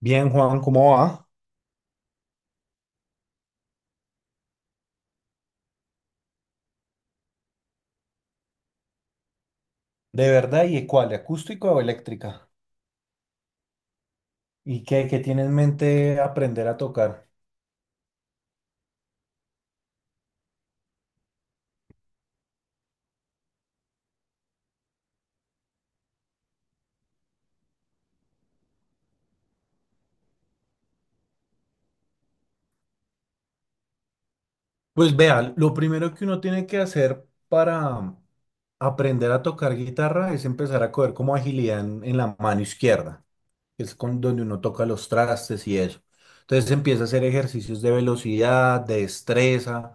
Bien, Juan, ¿cómo va? ¿De verdad? ¿Y cuál? ¿Acústico o eléctrica? ¿Y qué tiene en mente aprender a tocar? Pues vea, lo primero que uno tiene que hacer para aprender a tocar guitarra es empezar a coger como agilidad en la mano izquierda, que es con donde uno toca los trastes y eso. Entonces empieza a hacer ejercicios de velocidad, de destreza,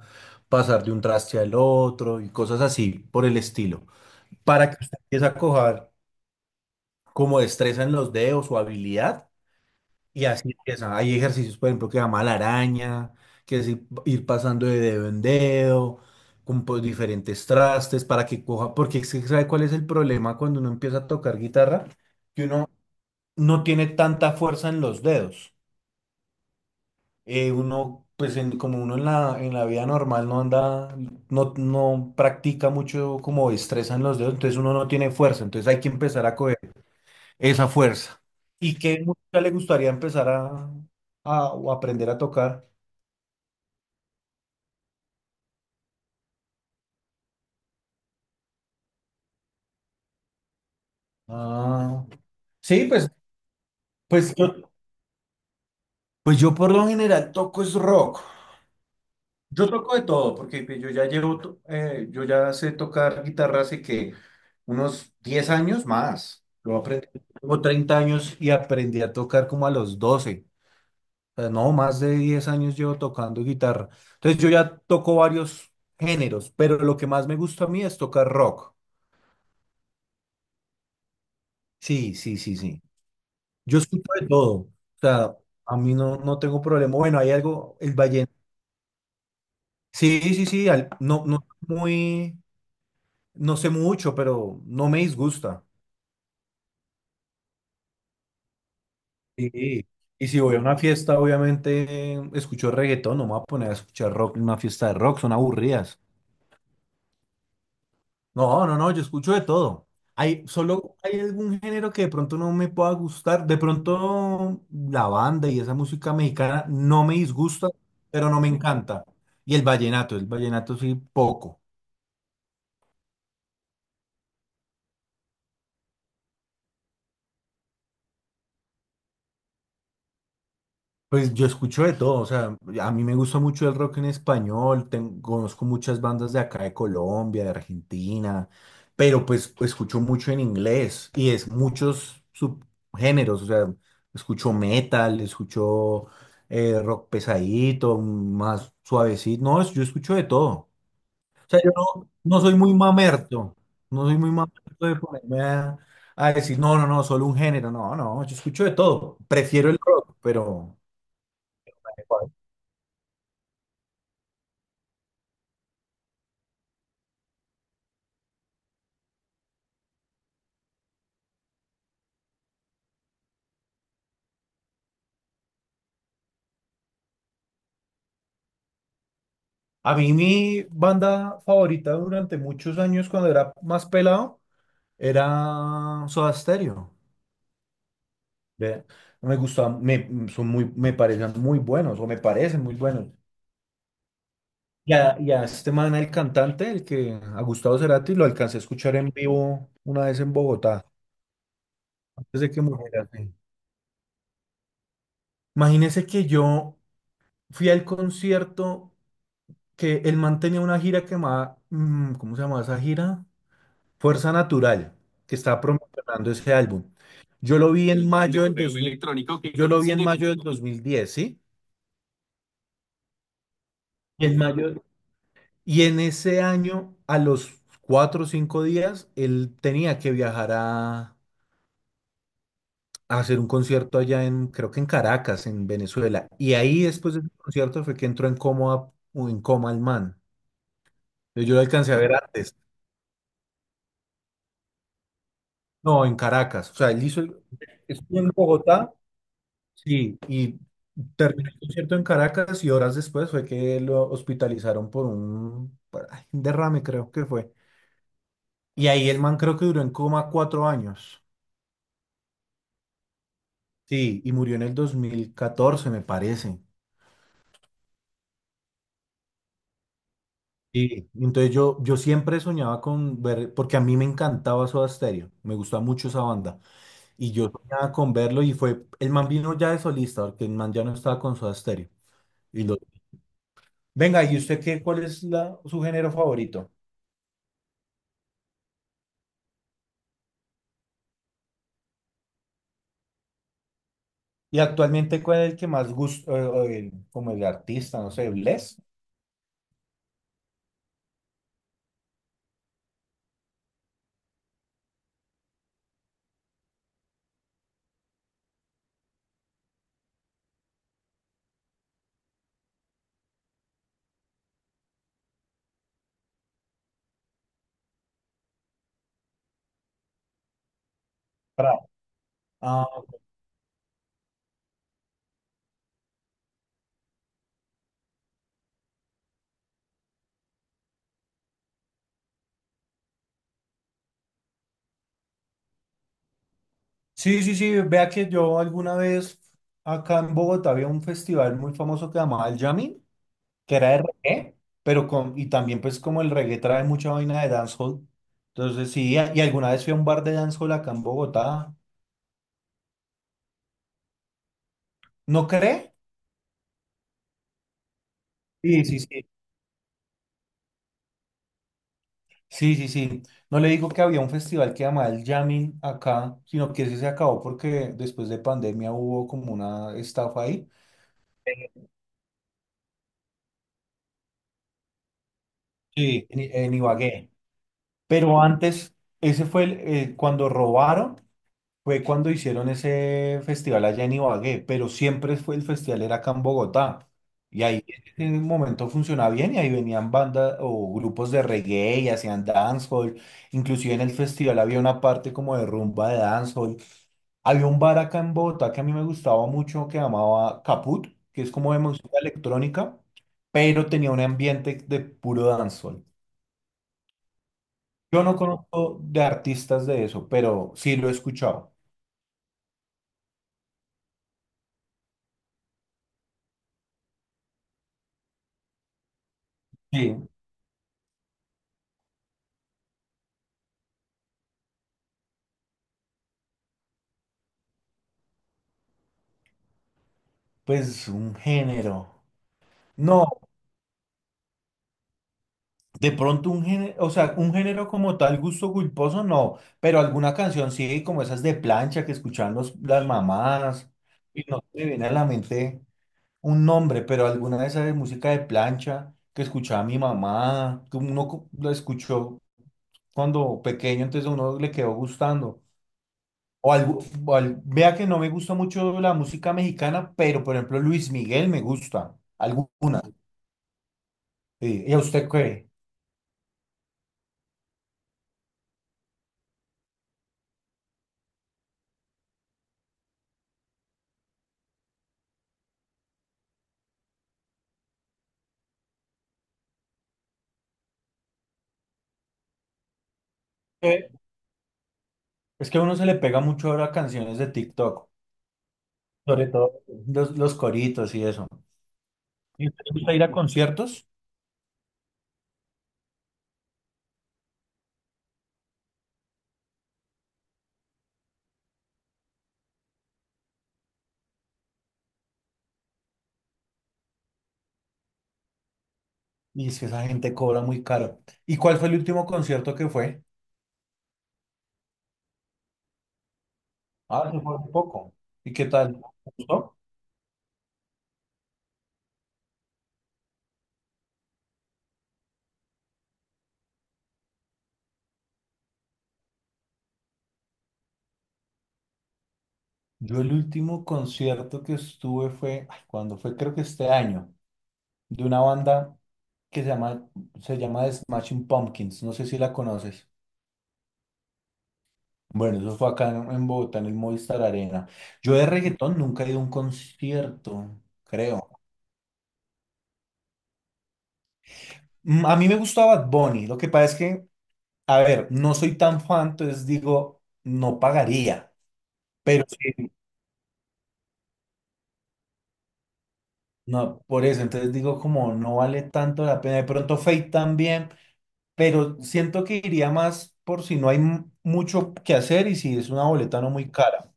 pasar de un traste al otro y cosas así por el estilo. Para que usted empiece a coger como destreza en los dedos o habilidad. Y así empieza. Hay ejercicios, por ejemplo, que llama la araña, que es ir pasando de dedo en dedo, con pues, diferentes trastes para que coja. Porque es que, ¿sabe cuál es el problema cuando uno empieza a tocar guitarra? Que uno no tiene tanta fuerza en los dedos. Uno, pues como uno en la vida normal no anda, no practica mucho como destreza en los dedos, entonces uno no tiene fuerza. Entonces hay que empezar a coger esa fuerza. ¿Y qué música le gustaría empezar o aprender a tocar? Ah, sí, pues, pues, yo, pues yo por lo general toco es rock. Yo toco de todo, porque pues yo ya yo ya sé tocar guitarra hace que unos 10 años más. Lo aprendí, tengo 30 años y aprendí a tocar como a los 12. O sea, no, más de 10 años llevo tocando guitarra. Entonces yo ya toco varios géneros, pero lo que más me gusta a mí es tocar rock. Sí, sí, sí, sí. Yo escucho de todo. O sea, a mí no tengo problema. Bueno, hay algo, el vallenato. Sí, sí, sí. No, no muy, no sé mucho, pero no me disgusta. Sí. Y si voy a una fiesta, obviamente escucho reggaetón, no me voy a poner a escuchar rock en una fiesta de rock, son aburridas. No, no, no, yo escucho de todo. Solo hay algún género que de pronto no me pueda gustar. De pronto la banda y esa música mexicana no me disgusta, pero no me encanta. Y el vallenato sí, poco. Pues yo escucho de todo, o sea, a mí me gusta mucho el rock en español, conozco muchas bandas de acá de Colombia, de Argentina, pero pues escucho mucho en inglés y es muchos subgéneros, o sea, escucho metal, escucho rock pesadito, más suavecito, no, yo escucho de todo. O sea, yo no soy muy mamerto, no soy muy mamerto de ponerme a decir, no, no, no, solo un género, no, no, yo escucho de todo, prefiero el rock, pero. A mí mi banda favorita durante muchos años cuando era más pelado era Soda Stereo. Ve, Me gustaba, me, son muy, me parecían muy buenos o me parecen muy buenos. Y a este man, el cantante, el que a Gustavo Cerati lo alcancé a escuchar en vivo una vez en Bogotá, antes de que muriera. Sí. Imagínese que yo fui al concierto que el man tenía una gira que llamaba, ¿cómo se llamaba esa gira? Fuerza Natural, que está promocionando ese álbum. Yo lo vi en mayo del pero 2000, electrónico que yo lo vi en mayo del 2010, ¿sí? Y en mayo, y en ese año, a los 4 o 5 días, él tenía que viajar a hacer un concierto allá creo que en Caracas, en Venezuela. Y ahí después del concierto fue que entró en coma el man. Yo lo alcancé a ver antes. No, en Caracas. O sea, estuvo en Bogotá. Sí, y terminó el concierto en Caracas y horas después fue que lo hospitalizaron ay, un derrame, creo que fue. Y ahí el man creo que duró en coma 4 años. Sí, y murió en el 2014 me parece. Sí. Entonces yo siempre soñaba con ver, porque a mí me encantaba Soda Stereo, me gustaba mucho esa banda. Y yo soñaba con verlo y fue, el man vino ya de solista, porque el man ya no estaba con Soda Stereo. Y lo, venga, ¿y usted qué, cuál es su género favorito? Y actualmente, ¿cuál es el que más gusta, como el artista, no sé, Bless? Pra- Ah, sí, sí, sí, vea que yo alguna vez acá en Bogotá había un festival muy famoso que llamaba el Jamming, que era de reggae, y también pues como el reggae trae mucha vaina de dancehall, entonces sí, y alguna vez fui a un bar de dancehall acá en Bogotá, ¿no cree? Sí, sí, sí. Sí, sí, sí. No le digo que había un festival que llamaba el Jamming acá, sino que ese se acabó porque después de pandemia hubo como una estafa ahí. Sí, en Ibagué. Pero antes, cuando robaron, fue cuando hicieron ese festival allá en Ibagué, pero siempre fue el festival era acá en Bogotá. Y ahí en un momento funcionaba bien y ahí venían bandas o grupos de reggae y hacían dancehall. Inclusive en el festival había una parte como de rumba de dancehall. Había un bar acá en Bogotá que a mí me gustaba mucho que llamaba Caput, que es como de música electrónica, pero tenía un ambiente de puro dancehall. Yo no conozco de artistas de eso, pero sí lo he escuchado. Sí, pues un género. No, de pronto un género, o sea, un género como tal, gusto culposo, no, pero alguna canción sí, como esas de plancha que escuchaban las mamás, y no me viene a la mente un nombre, pero alguna de esas de música de plancha que escuchaba mi mamá, que uno lo escuchó cuando pequeño, entonces a uno le quedó gustando. O algo, vea que no me gusta mucho la música mexicana, pero por ejemplo Luis Miguel me gusta, alguna. Sí, ¿y a usted qué? Eh, Es que a uno se le pega mucho ahora canciones de TikTok, sobre todo los coritos y eso. ¿Y usted le gusta ir a conciertos? Y es que esa gente cobra muy caro. ¿Y cuál fue el último concierto que fue? Ah, se fue hace poco. ¿Y qué tal? ¿Te ¿Gustó? Yo el último concierto que estuve fue, ay, ¿cuándo fue? Creo que este año, de una banda que se llama The Smashing Pumpkins, no sé si la conoces. Bueno, eso fue acá en Bogotá, en el Movistar Arena. Yo de reggaetón nunca he ido a un concierto, creo. A mí me gustaba Bad Bunny, lo que pasa es que, a ver, no soy tan fan, entonces digo, no pagaría, pero sí, no, por eso, entonces digo como no vale tanto la pena, de pronto Fate también, pero siento que iría más por si no hay mucho que hacer y si es una boleta no muy cara.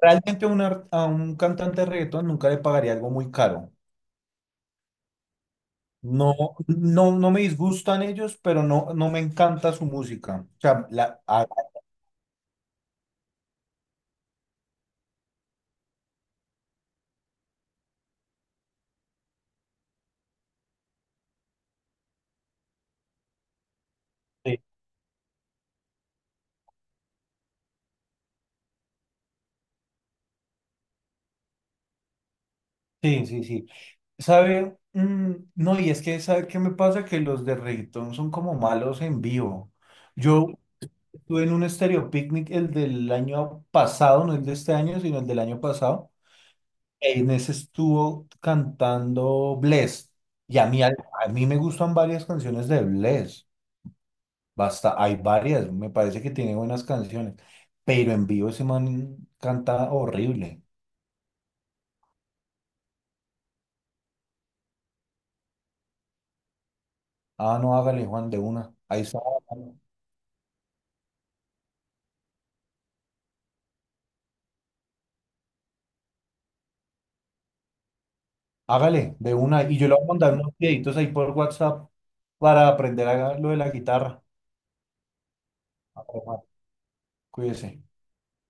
Realmente a un cantante de reggaetón nunca le pagaría algo muy caro. No, no, no me disgustan ellos, pero no, no me encanta su música. O sea, sí, sí, sí. Sí. ¿Sabe? No, y es que, ¿sabe qué me pasa? Que los de reggaetón son como malos en vivo. Yo estuve en un Stereo Picnic, el del año pasado, no el de este año, sino el del año pasado. En ese estuvo cantando Bless. Y a mí me gustan varias canciones de Bless. Basta, hay varias, me parece que tiene buenas canciones, pero en vivo ese man canta horrible. Ah, no, hágale, Juan, de una. Ahí está. Hágale, de una. Y yo le voy a mandar unos videitos ahí por WhatsApp para aprender a lo de la guitarra. Ah, Juan, cuídese.